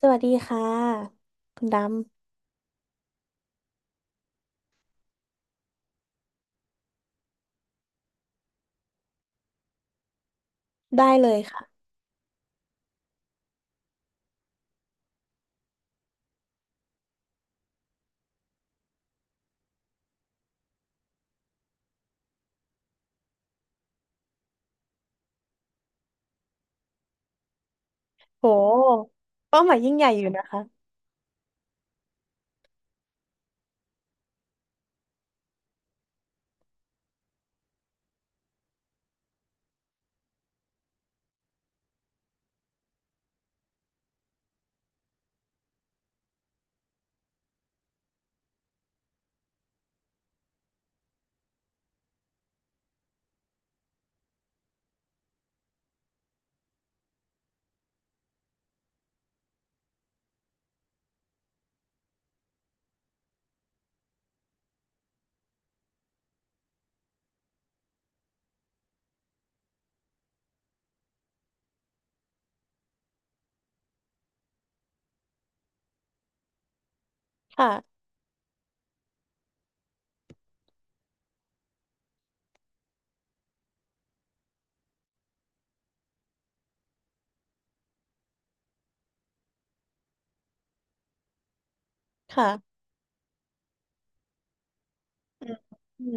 สวัสดีค่ะคุณดำได้เลยค่ะโหเป้าหมายยิ่งใหญ่อยู่นะคะค่ะค่ะอืมอืม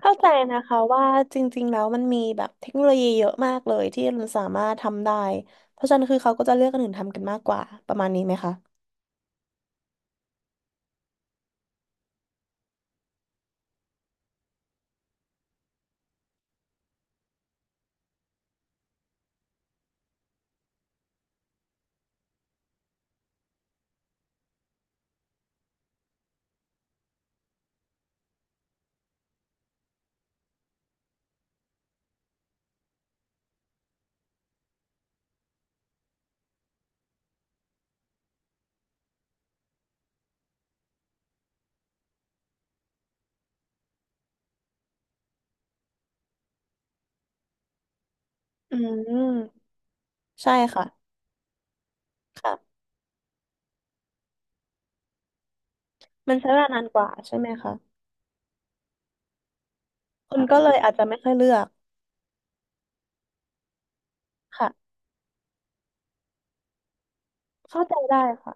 เข้าใจนะคะว่าจริงๆแล้วมันมีแบบเทคโนโลยีเยอะมากเลยที่มันสามารถทำได้เพราะฉะนั้นคือเขาก็จะเลือกคนอื่นทำกันมากกว่าประมาณนี้ไหมคะอืมใช่ค่ะค่ะมันใช้เวลานานกว่าใช่ไหมคะคนก็เลยอาจจะไม่ค่อยเลือกค่ะเข้าใจได้ค่ะ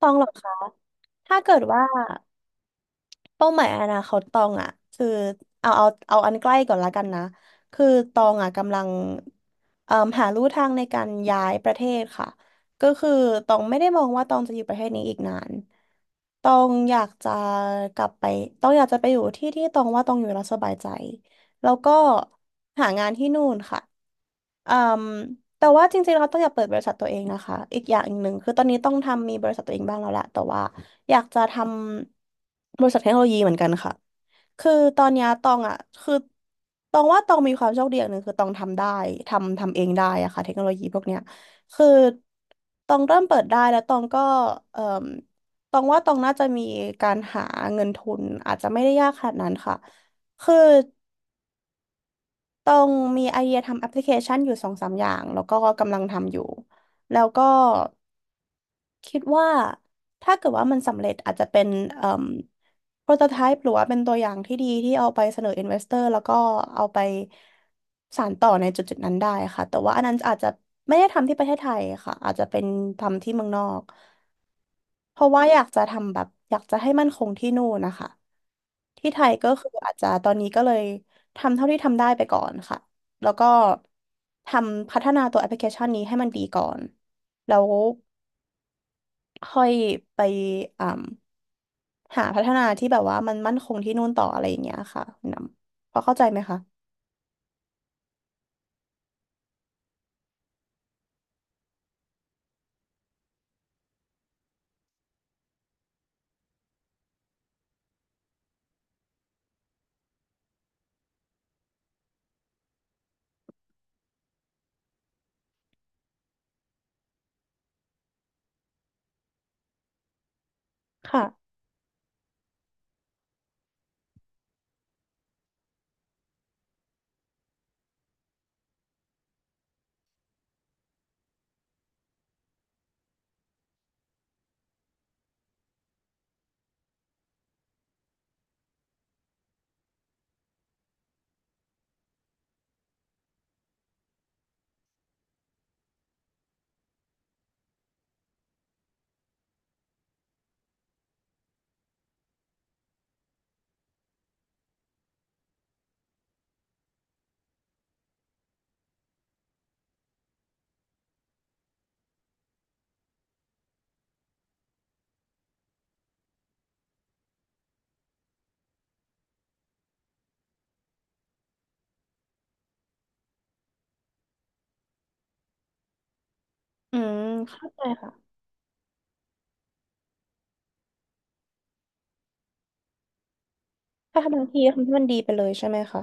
ต้องหรอคะถ้าเกิดว่า เป้าหมายอนาคตตองอ่ะคือเอาอันใกล้ก่อนละกันนะคือตองอ่ะกำลังเอ่มหาลู่ทางในการย้ายประเทศค่ะก็คือตองไม่ได้มองว่าตองจะอยู่ประเทศนี้อีกนานตองอยากจะกลับไปตองอยากจะไปอยู่ที่ที่ตองว่าตองอยู่แล้วสบายใจ แล้วก็หางานที่นู่นค่ะอืมแต่ว่าจริงๆเราต้องอยากเปิดบริษัทตัวเองนะคะ อีกอย่างหนึ่งคือตอนนี้ต้องทำมีบริษัทตัวเองบ้างแล้วแหละแต่ว่าอยากจะทำบริษัทเทคโนโลยีเหมือนกันค่ะคือตอนเนี้ยตองอ่ะคือตองว่าตองมีความโชคดีอย่างหนึ่งคือตองทำได้ทำเองได้อะค่ะเทคโนโลยีพวกเนี้ยคือตองเริ่มเปิดได้แล้วตองก็เอ่มตองว่าตองน่าจะมีการหาเงินทุนอาจจะไม่ได้ยากขนาดนั้นค่ะคือ ต้องมีไอเดียทำแอปพลิเคชันอยู่สองสามอย่างแล้วก็กำลังทำอยู่แล้วก็คิดว่าถ้าเกิดว่ามันสำเร็จอาจจะเป็นเอ่มโปรโตไทป์หรือว่าเป็นตัวอย่างที่ดีที่เอาไปเสนออินเวสเตอร์แล้วก็เอาไปสานต่อในจุดจุดนั้นได้ค่ะแต่ว่าอันนั้นอาจจะไม่ได้ทำที่ประเทศไทยค่ะอาจจะเป็นทำที่เมืองนอก เพราะว่าอยากจะทำแบบอยากจะให้มั่นคงที่นู่นนะคะที่ไทยก็คืออาจจะตอนนี้ก็เลยทำเท่าที่ทำได้ไปก่อนค่ะแล้วก็ทำพัฒนาตัวแอปพลิเคชันนี้ให้มันดีก่อนแล้วค่อยไปอ่าหาพัฒนาที่แบบว่ามันมั่นคงที่นู่นต่ออะไรอย่างเงี้ยค่ะคุณนำพอเข้าใจไหมคะค่ะอืมเข้าใจค่ะถ้าทำทันทีทำให้มันดีไปเลยใช่ไหมคะ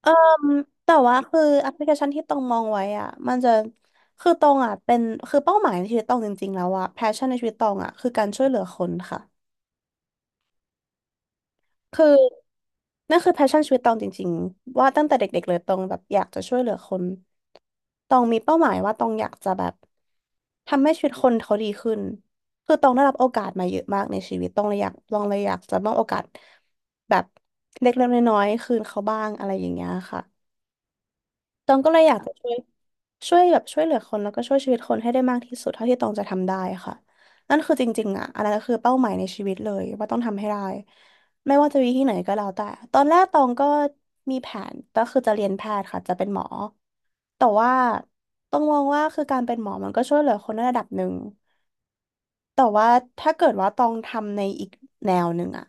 เออแต่ว่าคือแอปพลิเคชันที่ตองมองไว้อ่ะมันจะคือตองอ่ะเป็นคือเป้าหมายในชีวิตตองจริงๆแล้วอ่ะแพชชั่นในชีวิตตองอ่ะคือการช่วยเหลือคนค่ะคือนั่นคือแพชชั่นชีวิตตองจริงๆว่าตั้งแต่เด็กๆเลยตองแบบอยากจะช่วยเหลือคนตองมีเป้าหมายว่าตองอยากจะแบบทำให้ชีวิตคนเขาดีขึ้นคือตองได้รับโอกาสมาเยอะมากในชีวิตตองเลยอยากตองเลยอยากจะมอบโอกาสแบบเล็กๆน้อยๆคืนเขาบ้างอะไรอย่างเงี้ยค่ะตองก็เลยอยากจะช่วย ช่วยแบบช่วยเหลือคนแล้วก็ช่วยชีวิตคนให้ได้มากที่สุดเท่าที่ตองจะทำได้ค่ะนั่นคือจริงๆอ่ะอันนั้นคือเป้าหมายในชีวิตเลยว่าต้องทำให้ได้ไม่ว่าจะวิธีไหนก็แล้วแต่ตอนแรกตองก็มีแผนก็คือจะเรียนแพทย์ค่ะจะเป็นหมอแต่ว่าต้องมองว่าคือการเป็นหมอมันก็ช่วยเหลือคนในระดับหนึ่งแต่ว่าถ้าเกิดว่าตองทำในอีกแนวหนึ่งอ่ะ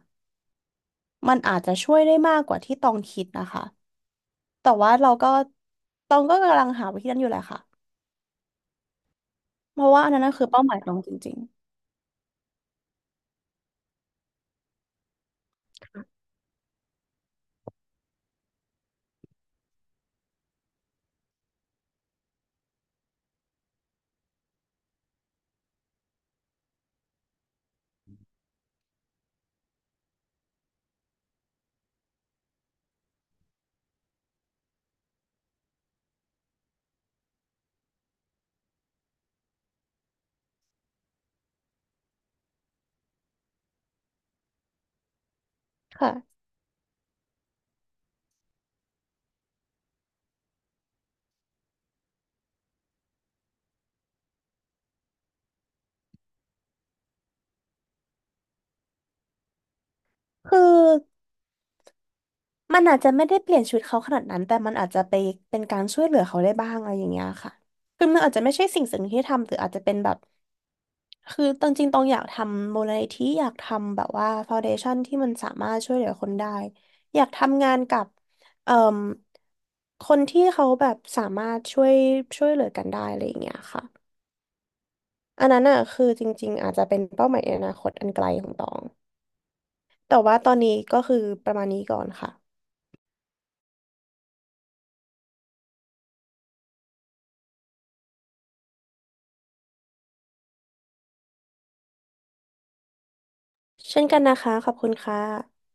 มันอาจจะช่วยได้มากกว่าที่ตองคิดนะคะแต่ว่าเราก็ตองก็กำลังหาวิธีนั้นอยู่แหละค่ะเพราะว่าอันนั้นน่ะคือเป้าหมายตองจริง ค่ะคือมันอาจจะไม่ได้เปลี่ยนชีวิตเขาขนาดนั้นแต่มันอาจจะไปเป็นการช่วยเหลือเขาได้บ้างอะไรอย่างเงี้ยค่ะคือมันอาจจะไม่ใช่สิ่งที่ทำหรืออาจจะเป็นแบบคือตอนจริงๆตองอยากทำมูลนิธิอยากทำแบบว่าฟาวเดชั่นที่มันสามารถช่วยเหลือคนได้อยากทำงานกับเอ่มคนที่เขาแบบสามารถช่วยช่วยเหลือกันได้อะไรอย่างเงี้ยค่ะอันนั้นอ่ะคือจริงๆอาจจะเป็นเป้าหมายอนาคตอันไกลของตองแต่ว่าตอนนี้ก็คือประมาณนี้ก่อนค่ะ เช่นกันนะคะ ขอบคุณค่ะ